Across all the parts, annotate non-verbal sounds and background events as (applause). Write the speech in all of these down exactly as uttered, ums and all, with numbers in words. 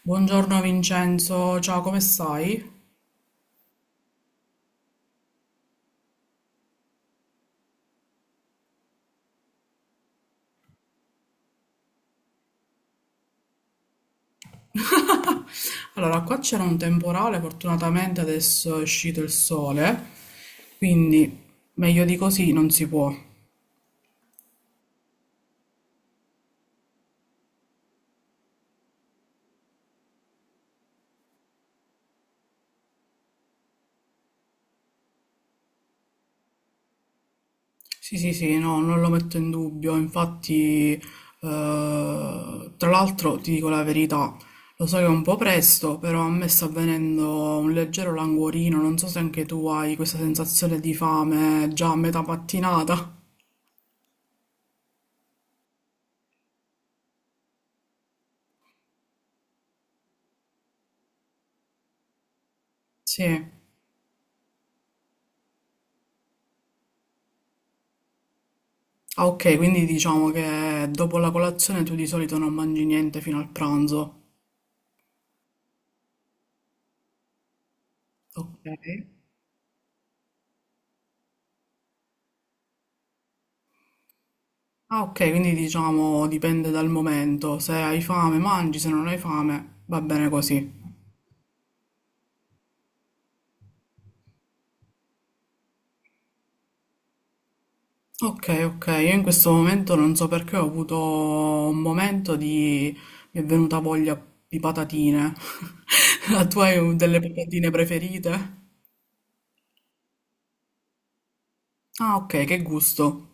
Buongiorno Vincenzo, ciao, come stai? Allora, qua c'era un temporale, fortunatamente adesso è uscito il sole, quindi meglio di così non si può. Sì, sì, sì, no, non lo metto in dubbio, infatti, eh, tra l'altro ti dico la verità, lo so che è un po' presto, però a me sta avvenendo un leggero languorino, non so se anche tu hai questa sensazione di fame già a metà mattinata. Sì. Ah, ok, quindi diciamo che dopo la colazione tu di solito non mangi niente fino al pranzo. Ok. Ah, ok, quindi diciamo dipende dal momento. Se hai fame mangi, se non hai fame va bene così. Ok, ok, io in questo momento non so perché ho avuto un momento di... mi è venuta voglia di patatine. (laughs) La tua è delle patatine preferite? Ah, ok, che gusto.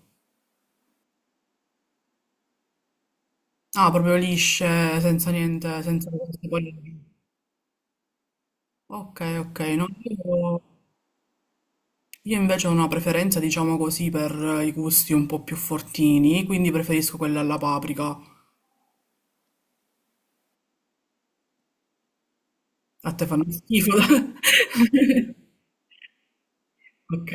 Ah, proprio lisce, senza niente, senza queste cose. Ok, ok, no, io, io invece ho una preferenza, diciamo così, per eh, i gusti un po' più fortini, quindi preferisco quella alla paprika. A te fanno schifo. (laughs) Ok.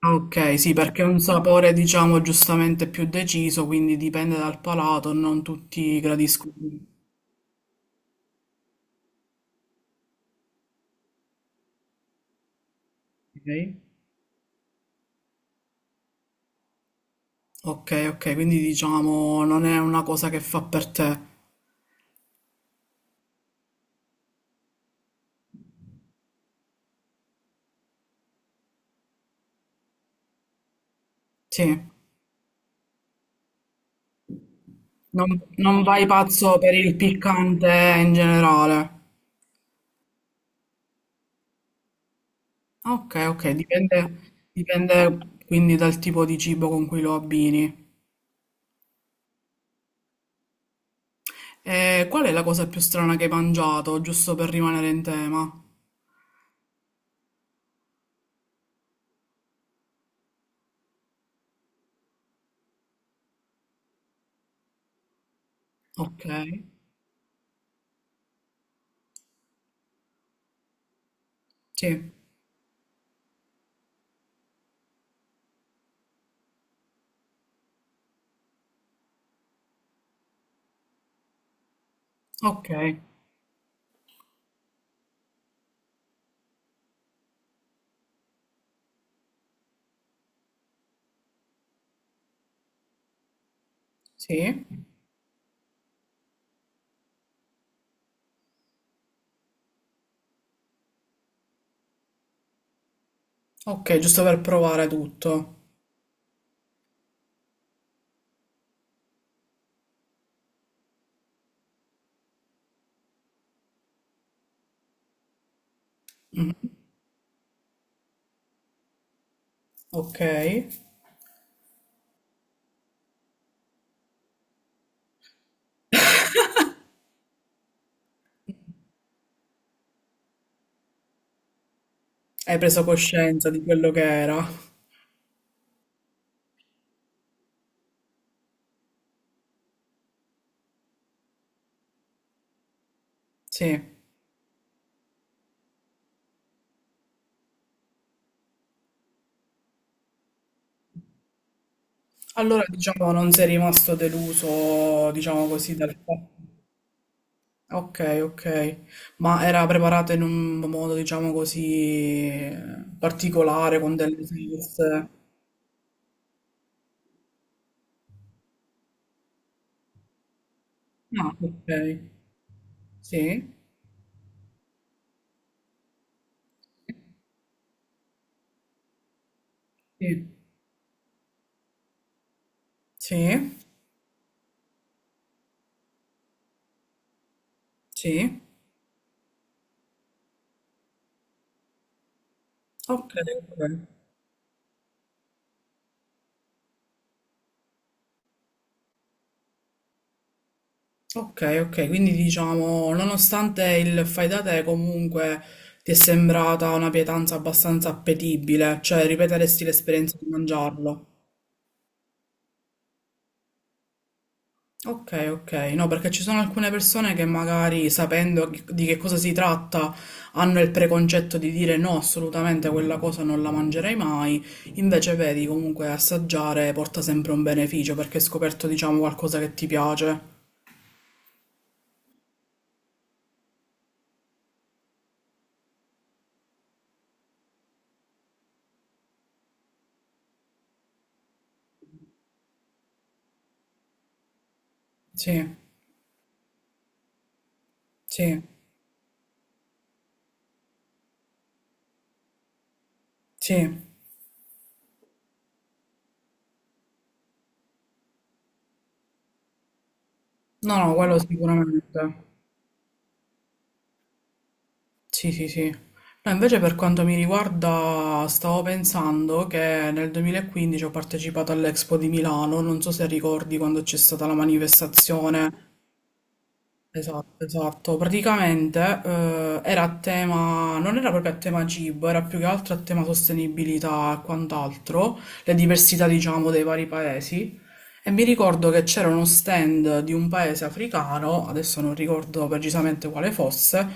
Ah, ok, sì, perché è un sapore, diciamo, giustamente più deciso, quindi dipende dal palato, non tutti gradiscono. Ok, ok, ok, quindi diciamo non è una cosa che fa per te. Sì, non, non vai pazzo per il piccante in generale. Okay, okay, dipende, dipende quindi dal tipo di cibo con cui lo abbini. E qual è la cosa più strana che hai mangiato, giusto per rimanere in tema? Ok, sì, ok, sì, ok, giusto per provare tutto. Ok, hai preso coscienza di quello che era. Sì, allora diciamo non sei rimasto deluso, diciamo così, dal fatto. Ok, ok. Ma era preparata in un modo, diciamo così, eh, particolare, con delle salse. Ah, ok. Sì, sì, sì, sì. Ok, ok. Ok, ok. Quindi diciamo, nonostante il fai da te, comunque ti è sembrata una pietanza abbastanza appetibile, cioè ripeteresti l'esperienza di mangiarlo. Ok, ok, no, perché ci sono alcune persone che magari sapendo chi- di che cosa si tratta hanno il preconcetto di dire no, assolutamente quella cosa non la mangerei mai, invece vedi comunque assaggiare porta sempre un beneficio perché hai scoperto diciamo qualcosa che ti piace. Sì, sì, sì, no, no, quello sicuramente. Sì, sì, sì. No, invece per quanto mi riguarda, stavo pensando che nel duemilaquindici ho partecipato all'Expo di Milano, non so se ricordi quando c'è stata la manifestazione. Esatto, esatto. Praticamente eh, era a tema, non era proprio a tema cibo, era più che altro a tema sostenibilità e quant'altro, le diversità, diciamo, dei vari paesi. E mi ricordo che c'era uno stand di un paese africano, adesso non ricordo precisamente quale fosse,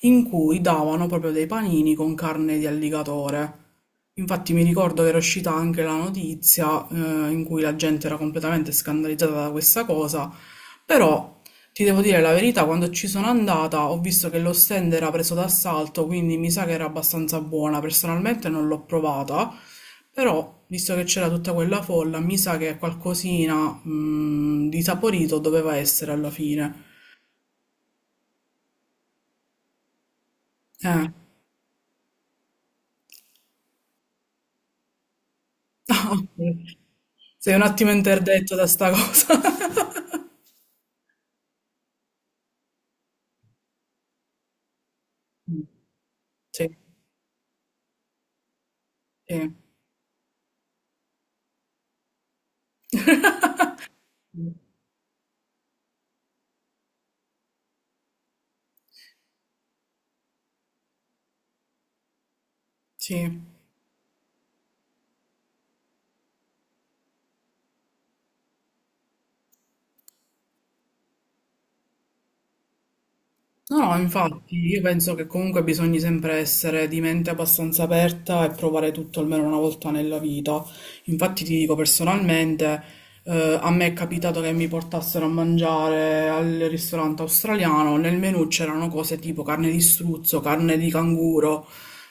in cui davano proprio dei panini con carne di alligatore. Infatti mi ricordo che era uscita anche la notizia eh, in cui la gente era completamente scandalizzata da questa cosa. Però ti devo dire la verità, quando ci sono andata ho visto che lo stand era preso d'assalto, quindi mi sa che era abbastanza buona. Personalmente non l'ho provata, però visto che c'era tutta quella folla, mi sa che qualcosina, mm, di saporito doveva essere alla fine. Eh. (laughs) Sei un attimo interdetto da sta cosa. (laughs) Sì, sì, sì. No, no, infatti, io penso che comunque bisogna sempre essere di mente abbastanza aperta e provare tutto almeno una volta nella vita. Infatti ti dico personalmente, eh, a me è capitato che mi portassero a mangiare al ristorante australiano, nel menù c'erano cose tipo carne di struzzo, carne di canguro,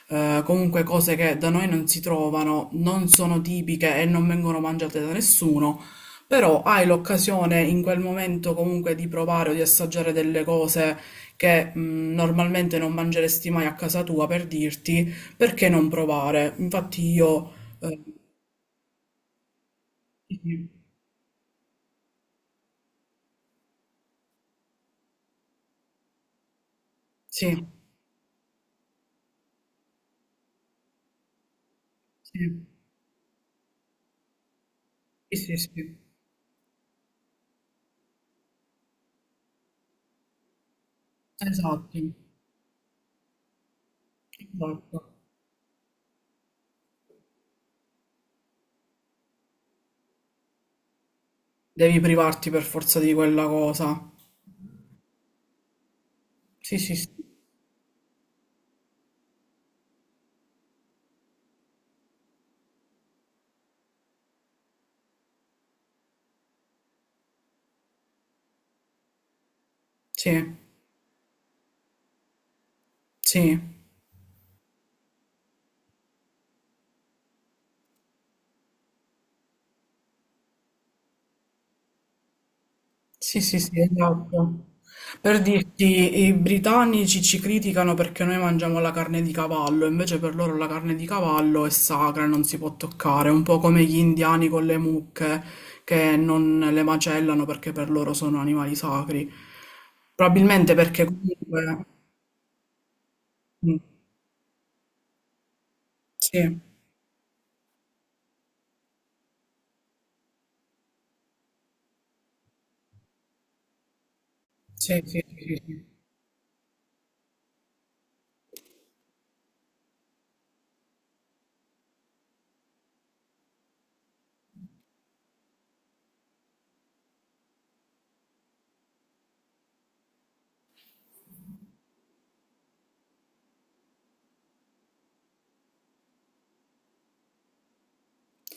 eh, comunque cose che da noi non si trovano, non sono tipiche e non vengono mangiate da nessuno. Però hai l'occasione in quel momento comunque di provare o di assaggiare delle cose che, mh, normalmente non mangeresti mai a casa tua, per dirti perché non provare. Infatti io, eh, sì, sì, sì, sì, sì, esatto, esatto. Devi privarti per forza di quella cosa. Sì, sì, sì, sì, sì. Sì, sì, sì, esatto. Per dirti, i britannici ci criticano perché noi mangiamo la carne di cavallo, invece per loro la carne di cavallo è sacra, e non si può toccare, un po' come gli indiani con le mucche che non le macellano perché per loro sono animali sacri. Probabilmente perché comunque... Mm, Sì, sì, sì, sì, sì.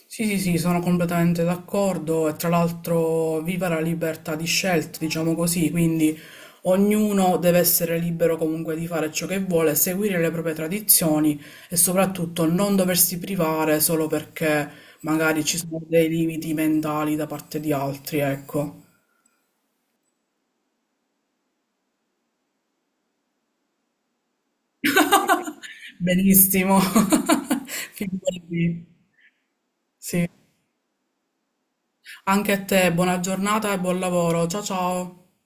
Sì, sì, sì, sono completamente d'accordo e tra l'altro viva la libertà di scelta, diciamo così, quindi ognuno deve essere libero comunque di fare ciò che vuole, seguire le proprie tradizioni e soprattutto non doversi privare solo perché magari ci sono dei limiti mentali da parte di altri, ecco. Benissimo, (laughs) figurati. Sì. Anche a te, buona giornata e buon lavoro. Ciao ciao.